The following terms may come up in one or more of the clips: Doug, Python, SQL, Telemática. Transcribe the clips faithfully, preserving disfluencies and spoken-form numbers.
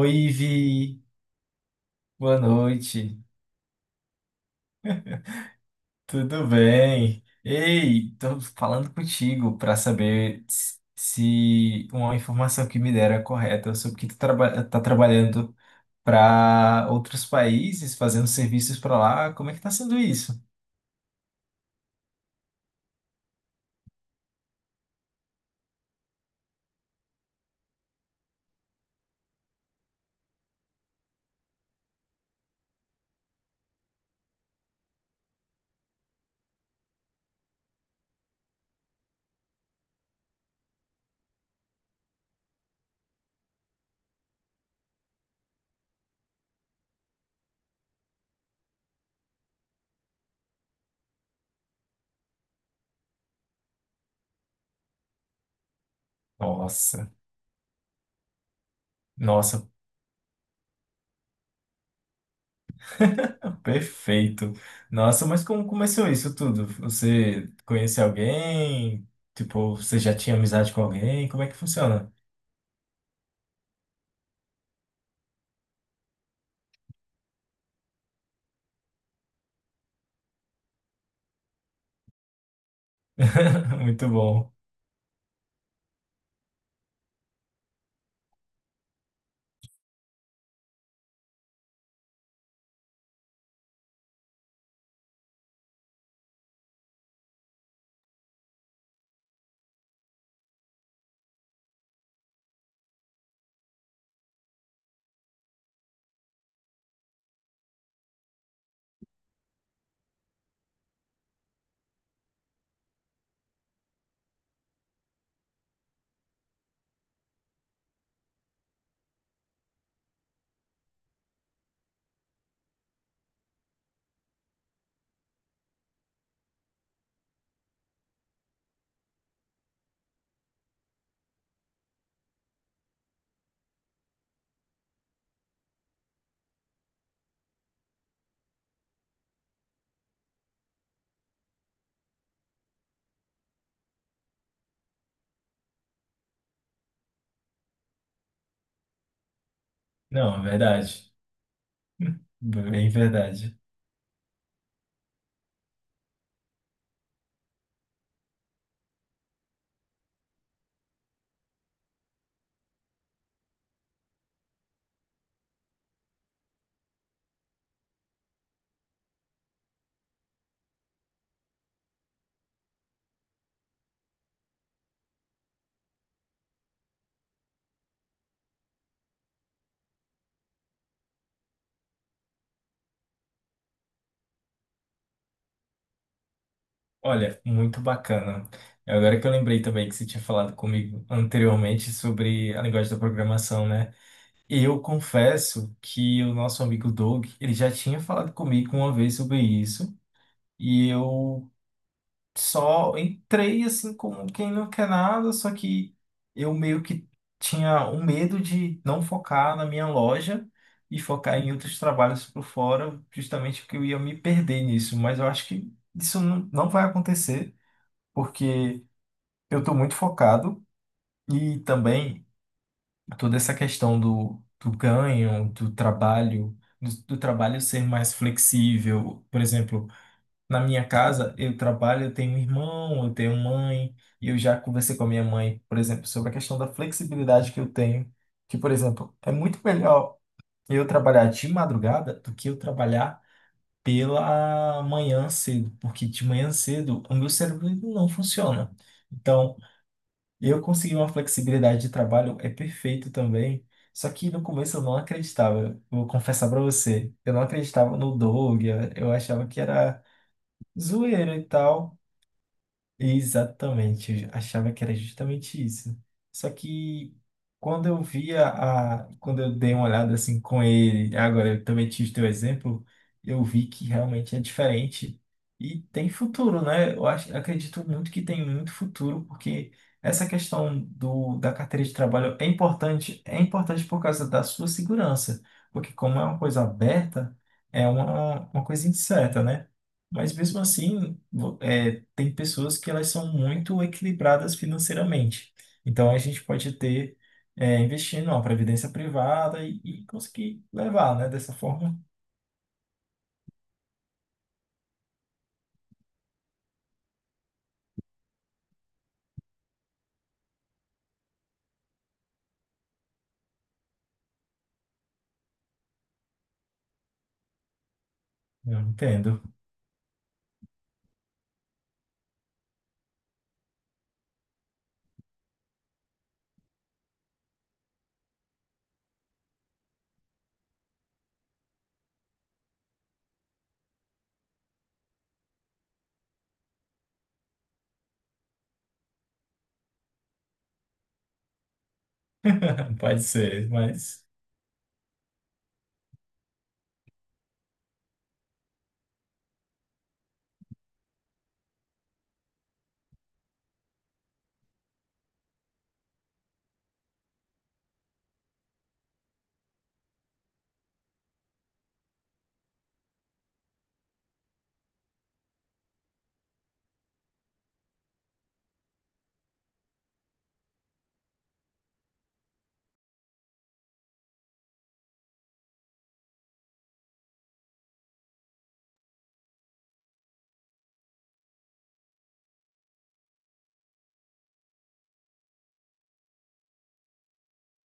Oi, Ivi. Boa noite. Tudo bem? Ei, tô falando contigo para saber s- se uma informação que me deram é correta. Eu soube que tu traba tá trabalhando para outros países, fazendo serviços para lá. Como é que tá sendo isso? Nossa, nossa, perfeito. Nossa, mas como começou isso tudo? Você conhece alguém? Tipo, você já tinha amizade com alguém? Como é que funciona? Muito bom. Não, é verdade. Bem verdade. Olha, muito bacana. Agora que eu lembrei também que você tinha falado comigo anteriormente sobre a linguagem da programação, né? E eu confesso que o nosso amigo Doug, ele já tinha falado comigo uma vez sobre isso, e eu só entrei assim como quem não quer nada, só que eu meio que tinha um medo de não focar na minha loja e focar em outros trabalhos por fora, justamente porque eu ia me perder nisso, mas eu acho que isso não não vai acontecer, porque eu estou muito focado e também toda essa questão do, do ganho, do trabalho, do, do trabalho ser mais flexível, por exemplo. Na minha casa, eu trabalho, eu tenho um irmão, eu tenho mãe, e eu já conversei com a minha mãe, por exemplo, sobre a questão da flexibilidade que eu tenho. Que, por exemplo, é muito melhor eu trabalhar de madrugada do que eu trabalhar pela manhã cedo, porque de manhã cedo o meu cérebro ele não funciona. Então, eu conseguir uma flexibilidade de trabalho é perfeito também. Só que no começo eu não acreditava, eu vou confessar para você, eu não acreditava no Doug, eu eu achava que era zoeira e tal. Exatamente, eu achava que era justamente isso. Só que quando eu via a, quando eu dei uma olhada assim com ele, agora eu também tive teu exemplo, eu vi que realmente é diferente e tem futuro, né? Eu acho, acredito muito que tem muito futuro, porque essa questão do, da carteira de trabalho é importante, é importante por causa da sua segurança, porque como é uma coisa aberta, é uma, uma coisa incerta, né? Mas mesmo assim, vo- é, tem pessoas que elas são muito equilibradas financeiramente. Então a gente pode ter, é, investir numa previdência privada e, e conseguir levar, né? Dessa forma. Eu entendo. Pode ser, mas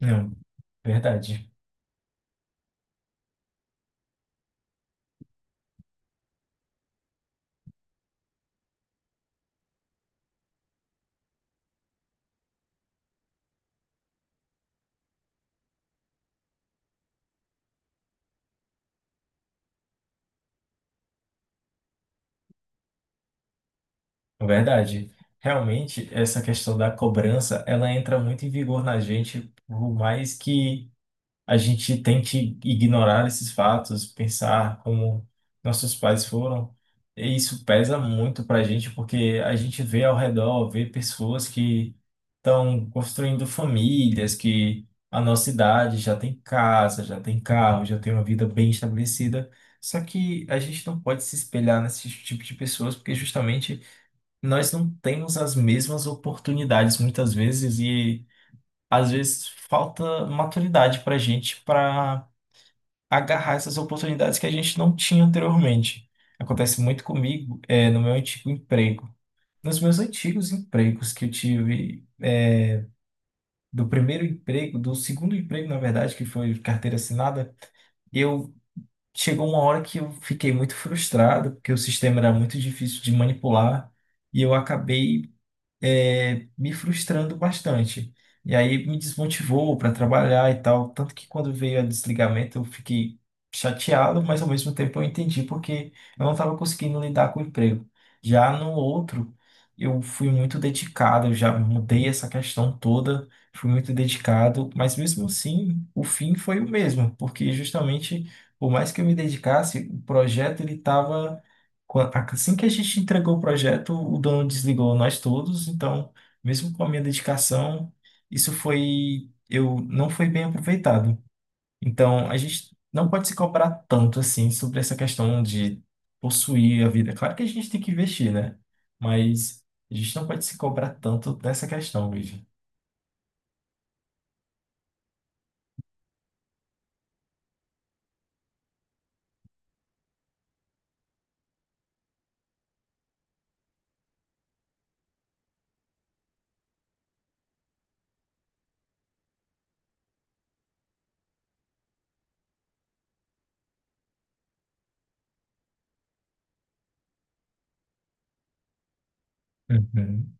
não. Verdade. Verdade. Realmente, essa questão da cobrança, ela entra muito em vigor na gente, por mais que a gente tem que ignorar esses fatos, pensar como nossos pais foram. E isso pesa muito para a gente, porque a gente vê ao redor, vê pessoas que estão construindo famílias, que a nossa idade já tem casa, já tem carro, já tem uma vida bem estabelecida. Só que a gente não pode se espelhar nesse tipo de pessoas, porque justamente nós não temos as mesmas oportunidades muitas vezes, e às vezes falta maturidade para a gente para agarrar essas oportunidades que a gente não tinha anteriormente. Acontece muito comigo, é, no meu antigo emprego. Nos meus antigos empregos que eu tive, é, do primeiro emprego, do segundo emprego, na verdade, que foi carteira assinada, eu chegou uma hora que eu fiquei muito frustrado, porque o sistema era muito difícil de manipular, e eu acabei é, me frustrando bastante. E aí me desmotivou para trabalhar e tal. Tanto que quando veio o desligamento eu fiquei chateado, mas ao mesmo tempo eu entendi porque eu não estava conseguindo lidar com o emprego. Já no outro, eu fui muito dedicado, eu já mudei essa questão toda, fui muito dedicado, mas mesmo assim o fim foi o mesmo, porque justamente por mais que eu me dedicasse, o projeto ele estava qua- Assim que a gente entregou o projeto, o dono desligou nós todos, então, mesmo com a minha dedicação, isso foi, eu não foi bem aproveitado. Então, a gente não pode se cobrar tanto assim sobre essa questão de possuir a vida. Claro que a gente tem que investir, né? Mas a gente não pode se cobrar tanto dessa questão, Luigi. Uhum,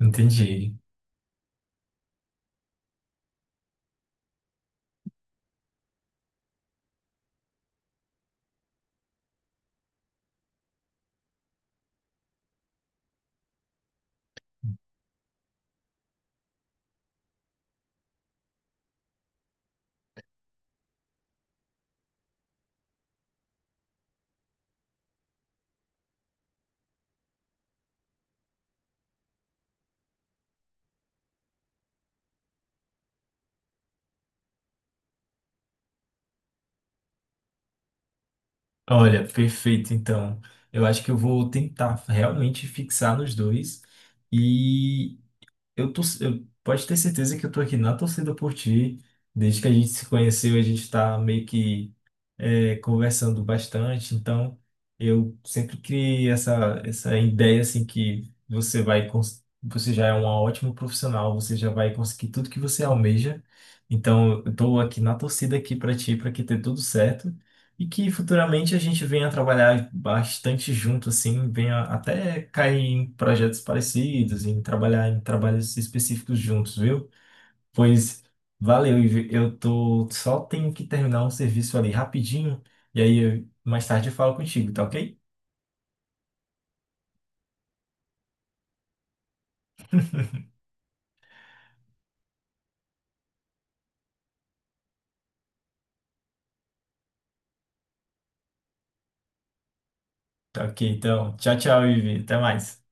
entendi. Olha, perfeito, então. Eu acho que eu vou tentar realmente fixar nos dois. E eu tô, eu, pode ter certeza que eu tô aqui na torcida por ti. Desde que a gente se conheceu, a gente tá meio que é, conversando bastante. Então, eu sempre criei essa, essa ideia assim que você vai, cons- você já é uma ótima profissional, você já vai conseguir tudo que você almeja. Então, eu tô aqui na torcida aqui para ti, para que dê tudo certo. E que futuramente a gente venha trabalhar bastante junto, assim, venha até cair em projetos parecidos, em trabalhar em trabalhos específicos juntos, viu? Pois valeu, Ivi. Eu tô só tenho que terminar um serviço ali rapidinho, e aí eu- mais tarde eu falo contigo, tá ok? Tá ok, então. Tchau, tchau, Ivi. Até mais.